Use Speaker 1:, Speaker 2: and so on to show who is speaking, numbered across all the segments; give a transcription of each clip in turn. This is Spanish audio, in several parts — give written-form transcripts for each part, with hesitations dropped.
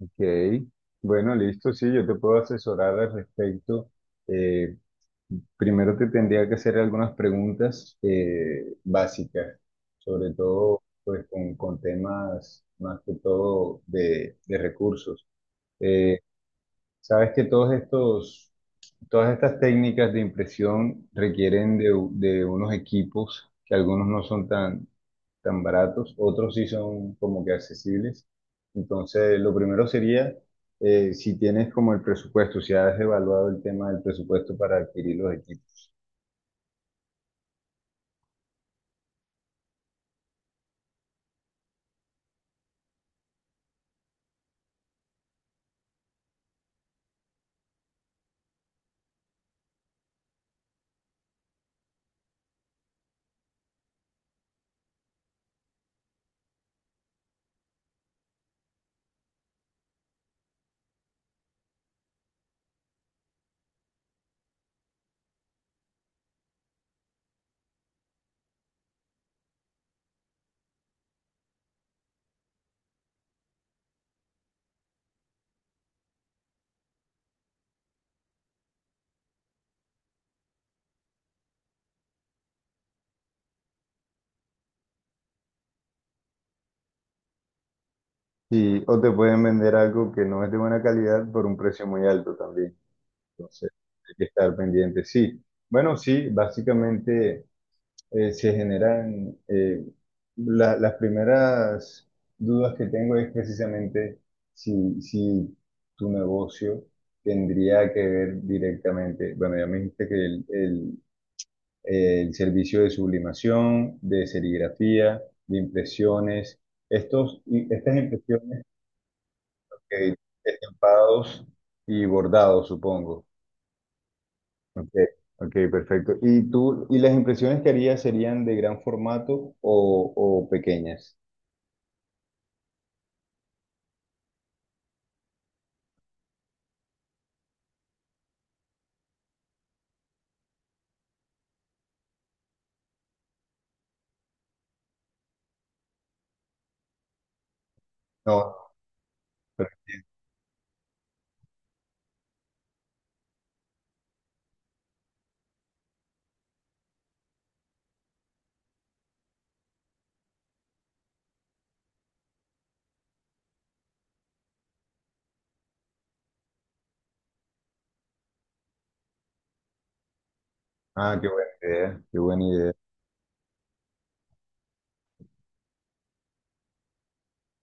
Speaker 1: Ok, bueno, listo, sí, yo te puedo asesorar al respecto. Eh, Primero te tendría que hacer algunas preguntas básicas, sobre todo pues con temas más que todo de recursos. Eh, sabes que todos estos Todas estas técnicas de impresión requieren de, de unos equipos que algunos no son tan, tan baratos, otros sí son como que accesibles. Entonces, lo primero sería, si tienes como el presupuesto, si has evaluado el tema del presupuesto para adquirir los equipos. Sí, o te pueden vender algo que no es de buena calidad por un precio muy alto también. Entonces, hay que estar pendiente. Sí, bueno, sí, básicamente se generan, las primeras dudas que tengo es precisamente si tu negocio tendría que ver directamente, bueno, ya me dijiste que el servicio de sublimación, de serigrafía, de impresiones, estos, y estas impresiones, eh, estampados y bordados, supongo. Ok, ok, perfecto. ¿Y tú, y las impresiones que harías serían de gran formato o pequeñas? No. pero- ah, qué buena idea, qué buena idea.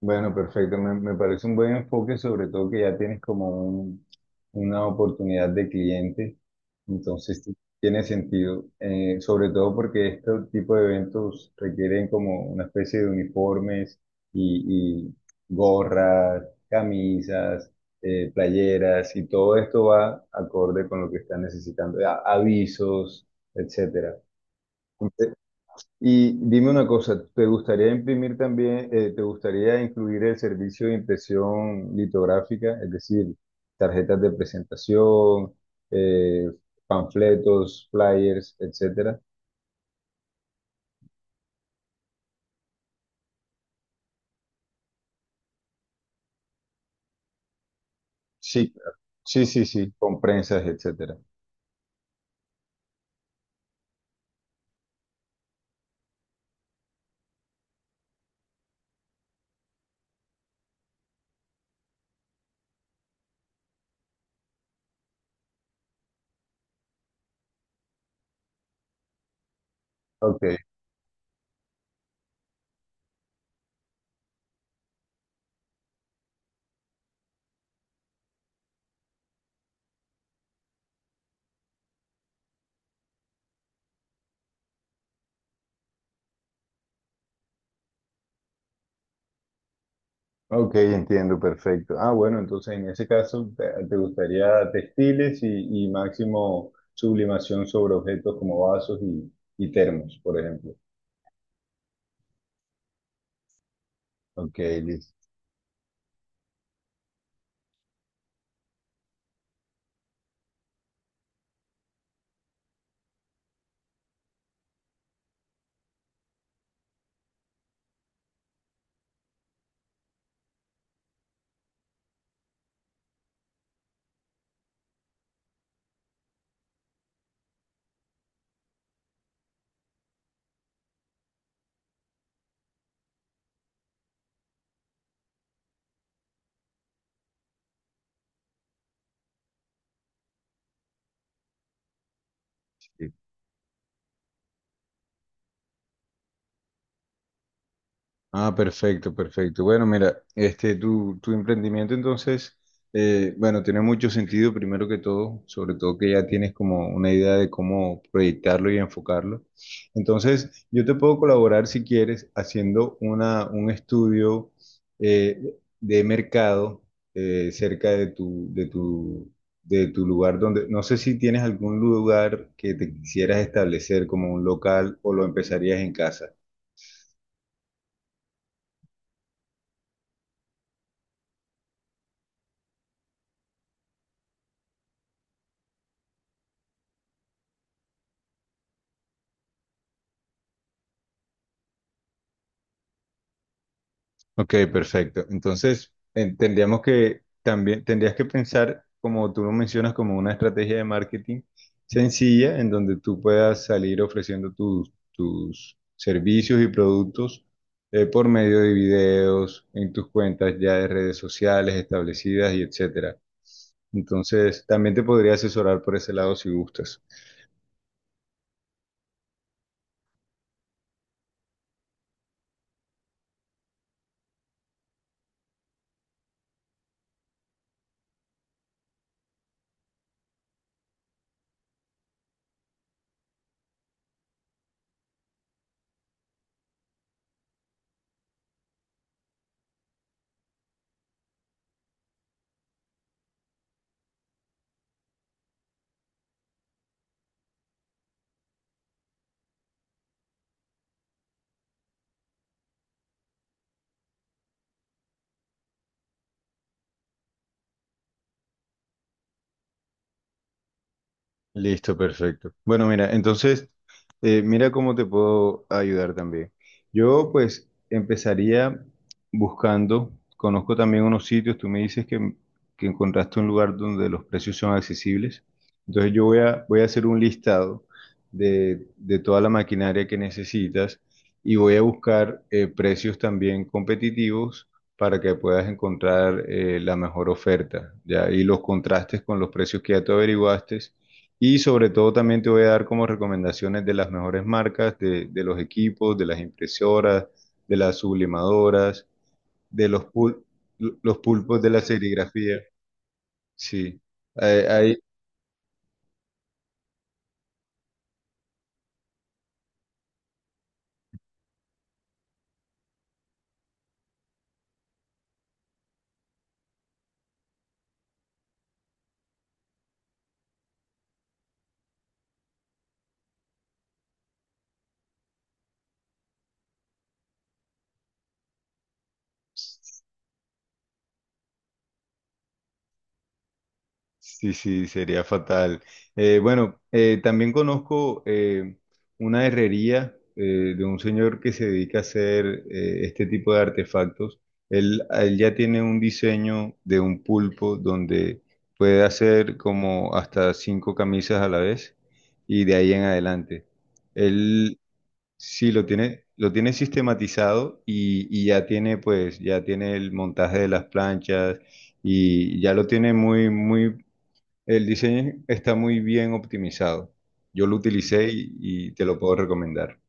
Speaker 1: Bueno, perfecto. Me parece un buen enfoque, sobre todo que ya tienes como una oportunidad de cliente. Entonces, sí, tiene sentido. Sobre todo porque este tipo de eventos requieren como una especie de uniformes y gorras, camisas, playeras y todo esto va acorde con lo que están necesitando, avisos, etcétera. Y dime una cosa, ¿te gustaría imprimir también, te gustaría incluir el servicio de impresión litográfica, es decir, tarjetas de presentación, eh, panfletos, flyers, etcétera? Sí, claro. Sí, sí, sí, con prensas, etcétera. Ok, ok, entiendo, perfecto. Ah, bueno, entonces en ese caso te gustaría textiles y máximo sublimación sobre objetos como vasos y termos, por ejemplo. Ok, listo. Ah, perfecto, perfecto. Bueno, mira, este, tu emprendimiento entonces, bueno, tiene mucho sentido primero que todo, sobre todo que ya tienes como una idea de cómo proyectarlo y enfocarlo. Entonces, yo te puedo colaborar si quieres haciendo un estudio eh, de mercado cerca de tu lugar donde, no sé si tienes algún lugar que te quisieras establecer como un local o lo empezarías en casa. Ok, perfecto. Entonces, tendríamos que también, tendrías que pensar, como tú lo mencionas, como una estrategia de marketing sencilla en donde tú puedas salir ofreciendo tus servicios y productos por medio de videos, en tus cuentas ya de redes sociales establecidas y etcétera. Entonces, también te podría asesorar por ese lado si gustas. Listo, perfecto. Bueno, mira, entonces, mira cómo te puedo ayudar también. Yo, pues, empezaría buscando, conozco también unos sitios, tú me dices que encontraste un lugar donde los precios son accesibles. Entonces, yo voy a, voy a hacer un listado de toda la maquinaria que necesitas y voy a buscar precios también competitivos para que puedas encontrar la mejor oferta, ¿ya? Y los contrastes con los precios que ya tú averiguaste y sobre todo también te voy a dar como recomendaciones de las mejores marcas, de los equipos, de las impresoras, de las sublimadoras, de los, los pulpos de la serigrafía. Sí, hay, hay- sí, sí, sería fatal. Bueno, también conozco una herrería de un señor que se dedica a hacer este tipo de artefactos. Él ya tiene un diseño de un pulpo donde puede hacer como hasta cinco camisas a la vez y de ahí en adelante. Él sí lo tiene sistematizado y ya tiene pues, ya tiene el montaje de las planchas y ya lo tiene muy, muy el diseño está muy bien optimizado. Yo lo utilicé y te lo puedo recomendar.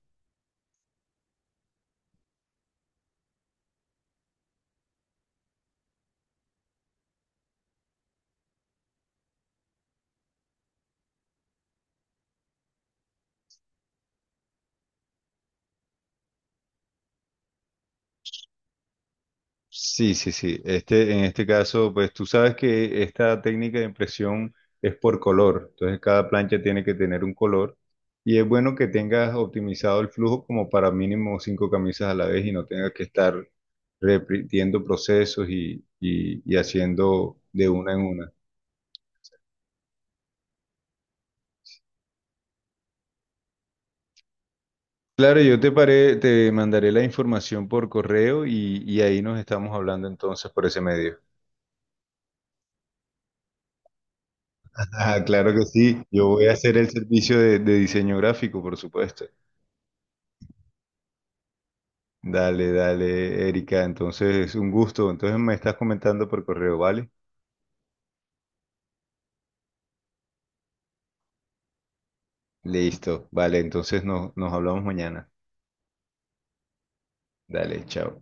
Speaker 1: Sí, sí, sí. Este, en este caso, pues tú sabes que esta técnica de impresión es por color. Entonces cada plancha tiene que tener un color y es bueno que tengas optimizado el flujo como para mínimo cinco camisas a la vez y no tengas que estar repitiendo procesos y haciendo de una en una. Claro, yo te paré, te mandaré la información por correo y ahí nos estamos hablando entonces por ese medio. Ah, claro que sí. Yo voy a hacer el servicio de diseño gráfico, por supuesto. Dale, dale, Erika. Entonces, un gusto. Entonces me estás comentando por correo, ¿vale? Listo. Vale, entonces nos hablamos mañana. Dale, chao.